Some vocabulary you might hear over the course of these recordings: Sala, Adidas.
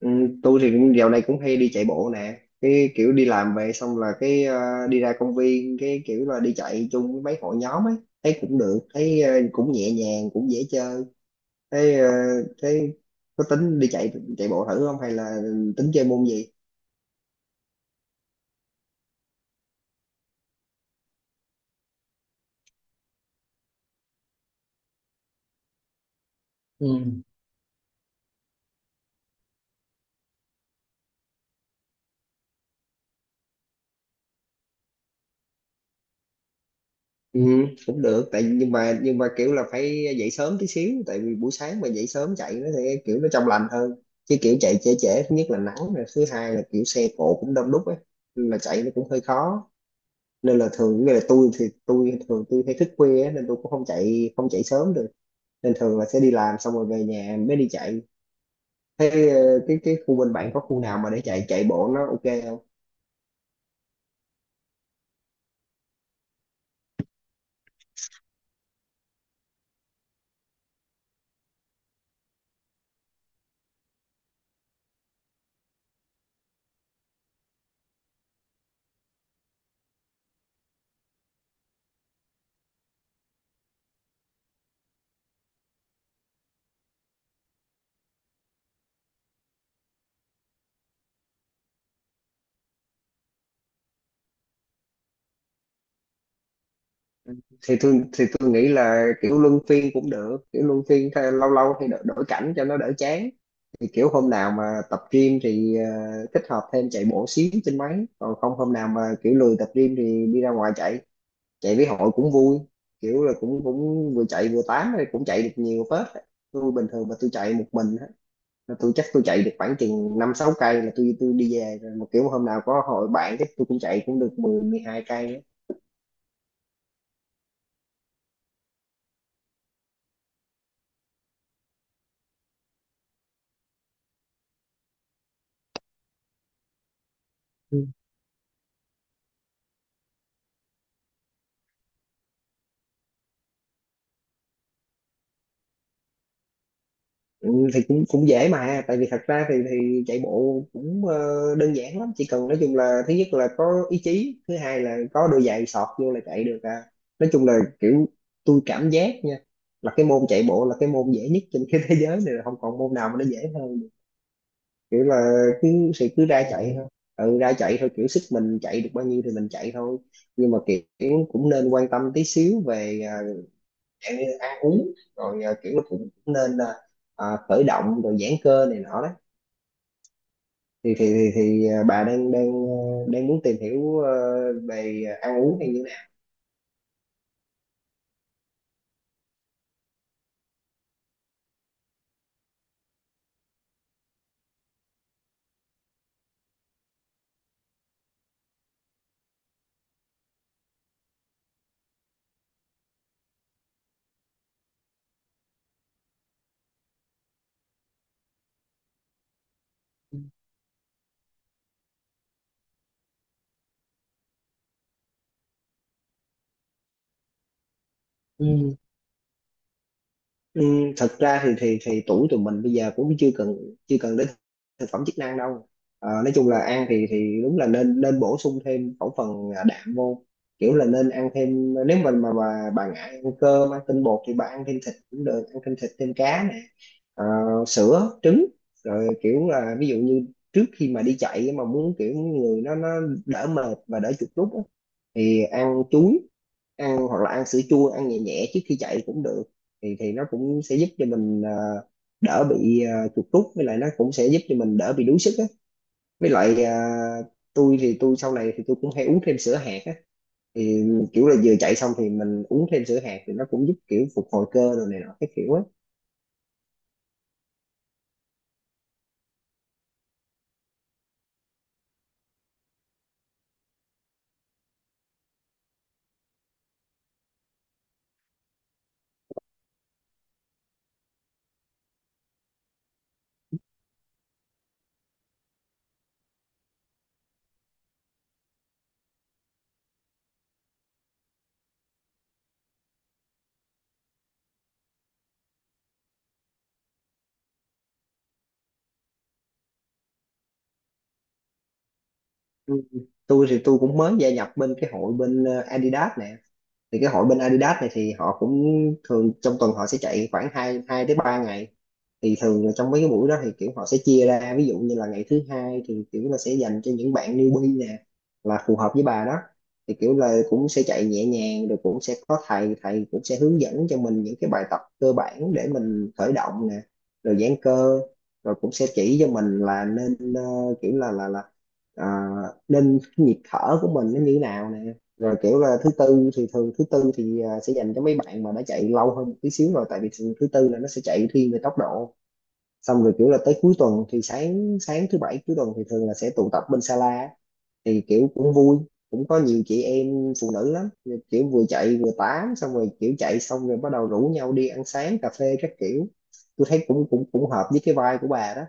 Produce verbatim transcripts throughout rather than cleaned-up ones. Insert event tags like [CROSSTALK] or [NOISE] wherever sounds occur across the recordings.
Ừ, tôi thì cũng dạo này cũng hay đi chạy bộ nè, cái kiểu đi làm về xong là cái ờ, đi ra công viên, cái kiểu là đi chạy chung với mấy hội nhóm ấy, thấy cũng được, thấy ờ, cũng nhẹ nhàng, cũng dễ chơi. Thấy ờ, thấy có tính đi chạy chạy bộ thử không, hay là tính chơi môn gì? Ừ. ừ, Cũng được, tại nhưng mà nhưng mà kiểu là phải dậy sớm tí xíu, tại vì buổi sáng mà dậy sớm chạy nó thì kiểu nó trong lành hơn, chứ kiểu chạy trễ trễ thứ nhất là nắng, rồi thứ hai là kiểu xe cộ cũng đông đúc ấy, nên là chạy nó cũng hơi khó. Nên là thường như là tôi thì tôi thường tôi hay thức khuya á, nên tôi cũng không chạy không chạy sớm được, nên thường là sẽ đi làm xong rồi về nhà mới đi chạy. Thế ờ, cái cái khu bên bạn có khu nào mà để chạy chạy bộ nó ok không? Thì tôi thì tôi nghĩ là kiểu luân phiên cũng được, kiểu luân phiên thay- lâu lâu thì đổi, đổi cảnh cho nó đỡ chán. Thì kiểu hôm nào mà tập gym thì ờ, kết hợp thêm chạy bộ xíu trên máy, còn không hôm nào mà kiểu lười tập gym thì đi ra ngoài chạy, chạy với hội cũng vui, kiểu là cũng cũng vừa chạy vừa tám rồi cũng chạy được nhiều phết á. Tôi bình thường mà tôi chạy một mình á là tôi chắc tôi chạy được khoảng chừng năm sáu cây là tôi tôi đi về rồi, mà kiểu hôm nào có hội bạn chắc tôi cũng chạy cũng được mười hai cây á. Ừ, thì cũng cũng dễ mà, tại vì thật ra thì thì chạy bộ cũng ờ, đơn giản lắm, chỉ cần nói chung là thứ nhất là có ý chí, thứ hai là có đôi giày sọt vô là chạy được à. Nói chung là kiểu tôi cảm giác nha, là cái môn chạy bộ là cái môn dễ nhất trên [LAUGHS] cái thế giới này, là không còn môn nào mà nó dễ hơn được. Kiểu là cứ sự cứ ra chạy thôi, ừ ra chạy thôi, kiểu sức mình chạy được bao nhiêu thì mình chạy thôi. Nhưng mà kiểu cũng nên quan tâm tí xíu về à, dạng như ăn uống, rồi à, kiểu nó cũng nên là à, khởi động rồi giãn cơ này nọ đấy. Thì thì thì, thì à, bà đang đang ờ, đang muốn tìm hiểu ờ, về ăn uống hay như thế nào? Ừ, Ừ, thật ra thì thì thì tuổi tụi mình bây giờ cũng chưa cần chưa cần đến thực phẩm chức năng đâu. Ờ, nói chung là ăn thì thì đúng là nên nên bổ sung thêm khẩu phần à, đạm vô, kiểu là nên ăn thêm, nếu mà mà mà bà ngại ăn cơm ăn tinh bột thì bà ăn thêm thịt cũng được, ăn thêm thịt thêm cá nè, Ờ, sữa trứng. Rồi kiểu là ví dụ như trước khi mà đi chạy mà muốn kiểu người nó nó đỡ mệt và đỡ chuột rút á, thì ăn chuối ăn, hoặc là ăn sữa chua ăn nhẹ nhẹ trước khi chạy cũng được, thì thì nó cũng sẽ giúp cho mình ờ, đỡ bị ờ, chuột rút, với lại nó cũng sẽ giúp cho mình đỡ bị đuối sức á. Với lại ờ, tôi thì tôi sau này thì tôi cũng hay uống thêm sữa hạt á, thì kiểu là vừa chạy xong thì mình uống thêm sữa hạt thì nó cũng giúp kiểu phục hồi cơ rồi này nọ cái kiểu á. Ừ. Tôi thì tôi cũng mới gia nhập bên cái hội bên ờ, Adidas nè, thì cái hội bên Adidas này thì họ cũng thường trong tuần họ sẽ chạy khoảng hai hai tới ba ngày. Thì thường là trong mấy cái buổi đó thì kiểu họ sẽ chia ra, ví dụ như là ngày thứ hai thì kiểu là sẽ dành cho những bạn newbie nè, là phù hợp với bà đó, thì kiểu là cũng sẽ chạy nhẹ nhàng, rồi cũng sẽ có thầy thầy cũng sẽ hướng dẫn cho mình những cái bài tập cơ bản để mình khởi động nè, rồi giãn cơ, rồi cũng sẽ chỉ cho mình là nên ờ, kiểu là là là à, nên nhịp thở của mình nó như thế nào nè. Rồi kiểu là thứ tư thì thường thứ tư thì à, sẽ dành cho mấy bạn mà đã chạy lâu hơn một tí xíu rồi, tại vì thường thứ tư là nó sẽ chạy thiên về tốc độ. Xong rồi kiểu là tới cuối tuần thì sáng sáng thứ bảy cuối tuần thì thường là sẽ tụ tập bên Sala á. Thì kiểu cũng vui, cũng có nhiều chị em phụ nữ lắm, kiểu vừa chạy vừa tám, xong rồi kiểu chạy xong rồi bắt đầu rủ nhau đi ăn sáng cà phê các kiểu. Tôi thấy cũng cũng cũng hợp với cái vibe của bà đó.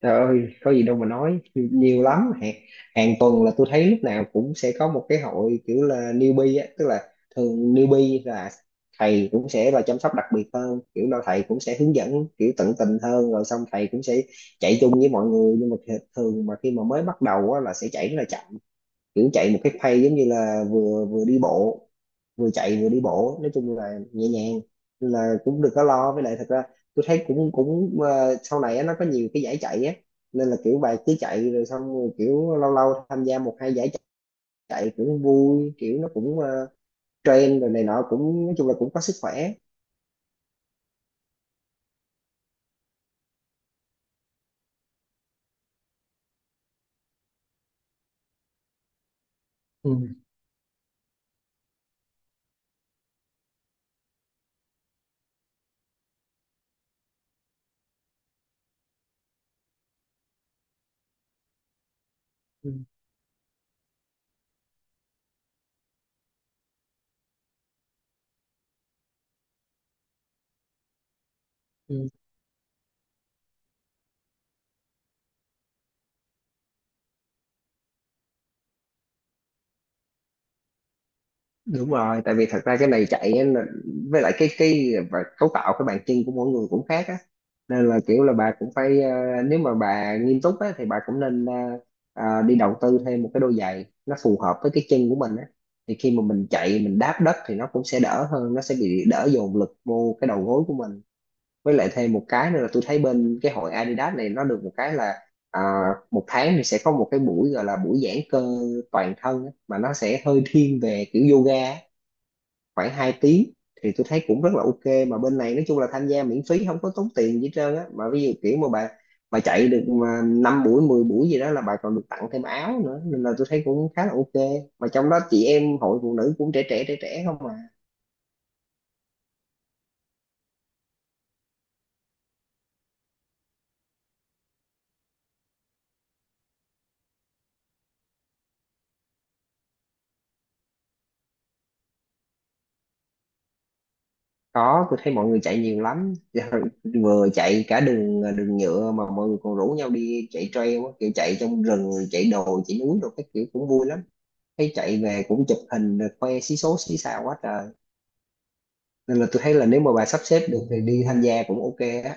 Trời ơi, có gì đâu mà nói, nhiều lắm. Hàng, hàng tuần là tôi thấy lúc nào cũng sẽ có một cái hội kiểu là newbie á, tức là thường newbie là thầy cũng sẽ là chăm sóc đặc biệt hơn, kiểu là thầy cũng sẽ hướng dẫn kiểu tận tình hơn, rồi xong thầy cũng sẽ chạy chung với mọi người. Nhưng mà th- thường mà khi mà mới bắt đầu á, là sẽ chạy rất là chậm, kiểu chạy một cái pace giống như là vừa vừa đi bộ, vừa chạy vừa đi bộ, nói chung là nhẹ nhàng. Nên là cũng đừng có lo, với lại thật ra tôi thấy cũng cũng ờ, sau này á, nó có nhiều cái giải chạy á, nên là kiểu bài cứ chạy rồi xong rồi kiểu lâu lâu tham gia một hai giải chạy cũng vui, kiểu nó cũng ờ, trend rồi này nọ, cũng nói chung là cũng có sức khỏe. Ừ. Ừ. Ừ. Đúng rồi, tại vì thật ra cái này chạy á, là- với lại cái cái và cấu tạo cái bàn chân của mỗi người cũng khác á, nên là kiểu là bà cũng phải ờ, nếu mà bà nghiêm túc á thì bà cũng nên ờ, ờ, đi đầu tư thêm một cái đôi giày nó phù hợp với cái chân của mình á, thì khi mà mình chạy mình đáp đất thì nó cũng sẽ đỡ hơn, nó sẽ bị đỡ dồn lực vô cái đầu gối của mình. Với lại thêm một cái nữa là tôi thấy bên cái hội Adidas này nó được một cái là ờ, một tháng thì sẽ có một cái buổi gọi là buổi giãn cơ toàn thân á, mà nó sẽ hơi thiên về kiểu yoga á, khoảng hai tiếng, thì tôi thấy cũng rất là ok. Mà bên này nói chung là tham gia miễn phí, không có tốn tiền gì hết trơn á, mà ví dụ kiểu mà bà bà chạy được mà năm buổi mười buổi gì đó là bà còn được tặng thêm áo nữa, nên là tôi thấy cũng khá là ok. Mà trong đó chị em hội phụ nữ cũng trẻ trẻ trẻ trẻ không mà. Có, tôi thấy mọi người chạy nhiều lắm [LAUGHS] vừa chạy cả đường đường nhựa mà mọi người còn rủ nhau đi chạy trail á, kiểu chạy trong rừng rồi chạy đồi chạy núi rồi cái kiểu cũng vui lắm. Thấy chạy về cũng chụp hình rồi khoe xí số xí xào quá trời, nên là tôi thấy là nếu mà bà sắp xếp được thì đi tham gia cũng ok á.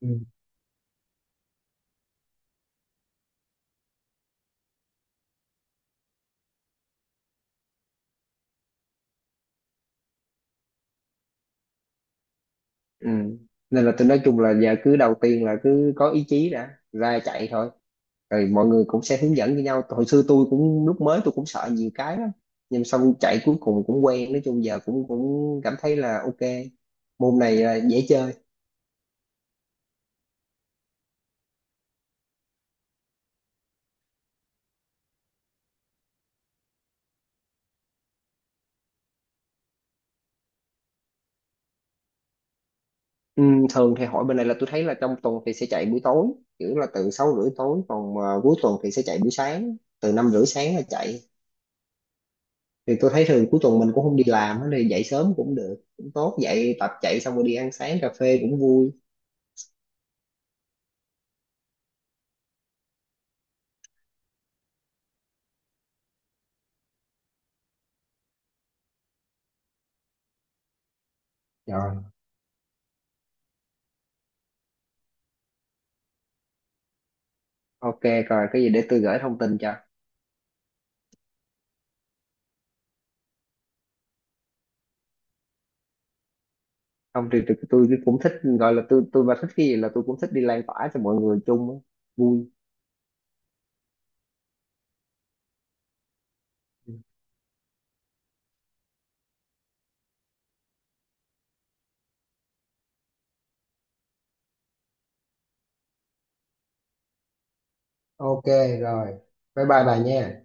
Ừ. ừ. Nên là tôi nói chung là giờ cứ đầu tiên là cứ có ý chí đã, ra chạy thôi, rồi mọi người cũng sẽ hướng dẫn với nhau. Hồi xưa tôi cũng lúc mới tôi cũng sợ nhiều cái lắm, nhưng xong chạy cuối cùng cũng quen, nói chung giờ cũng cũng cảm thấy là ok, môn này là dễ chơi. Ừ, thường thì hội bên này là tôi thấy là trong tuần thì sẽ chạy buổi tối, kiểu là từ sáu rưỡi tối, còn à, cuối tuần thì sẽ chạy buổi sáng, từ năm rưỡi sáng là chạy. Thì tôi thấy thường cuối tuần mình cũng không đi làm á, thì dậy sớm cũng được, cũng tốt, dậy tập chạy xong rồi đi ăn sáng cà phê cũng vui. Rồi, ok, rồi cái gì để tôi gửi thông tin cho. Không thì tôi, tôi cũng thích, gọi là tôi tôi mà thích cái gì là tôi cũng thích đi lan tỏa cho mọi người chung á, vui. Ok rồi, bye bye bà nha.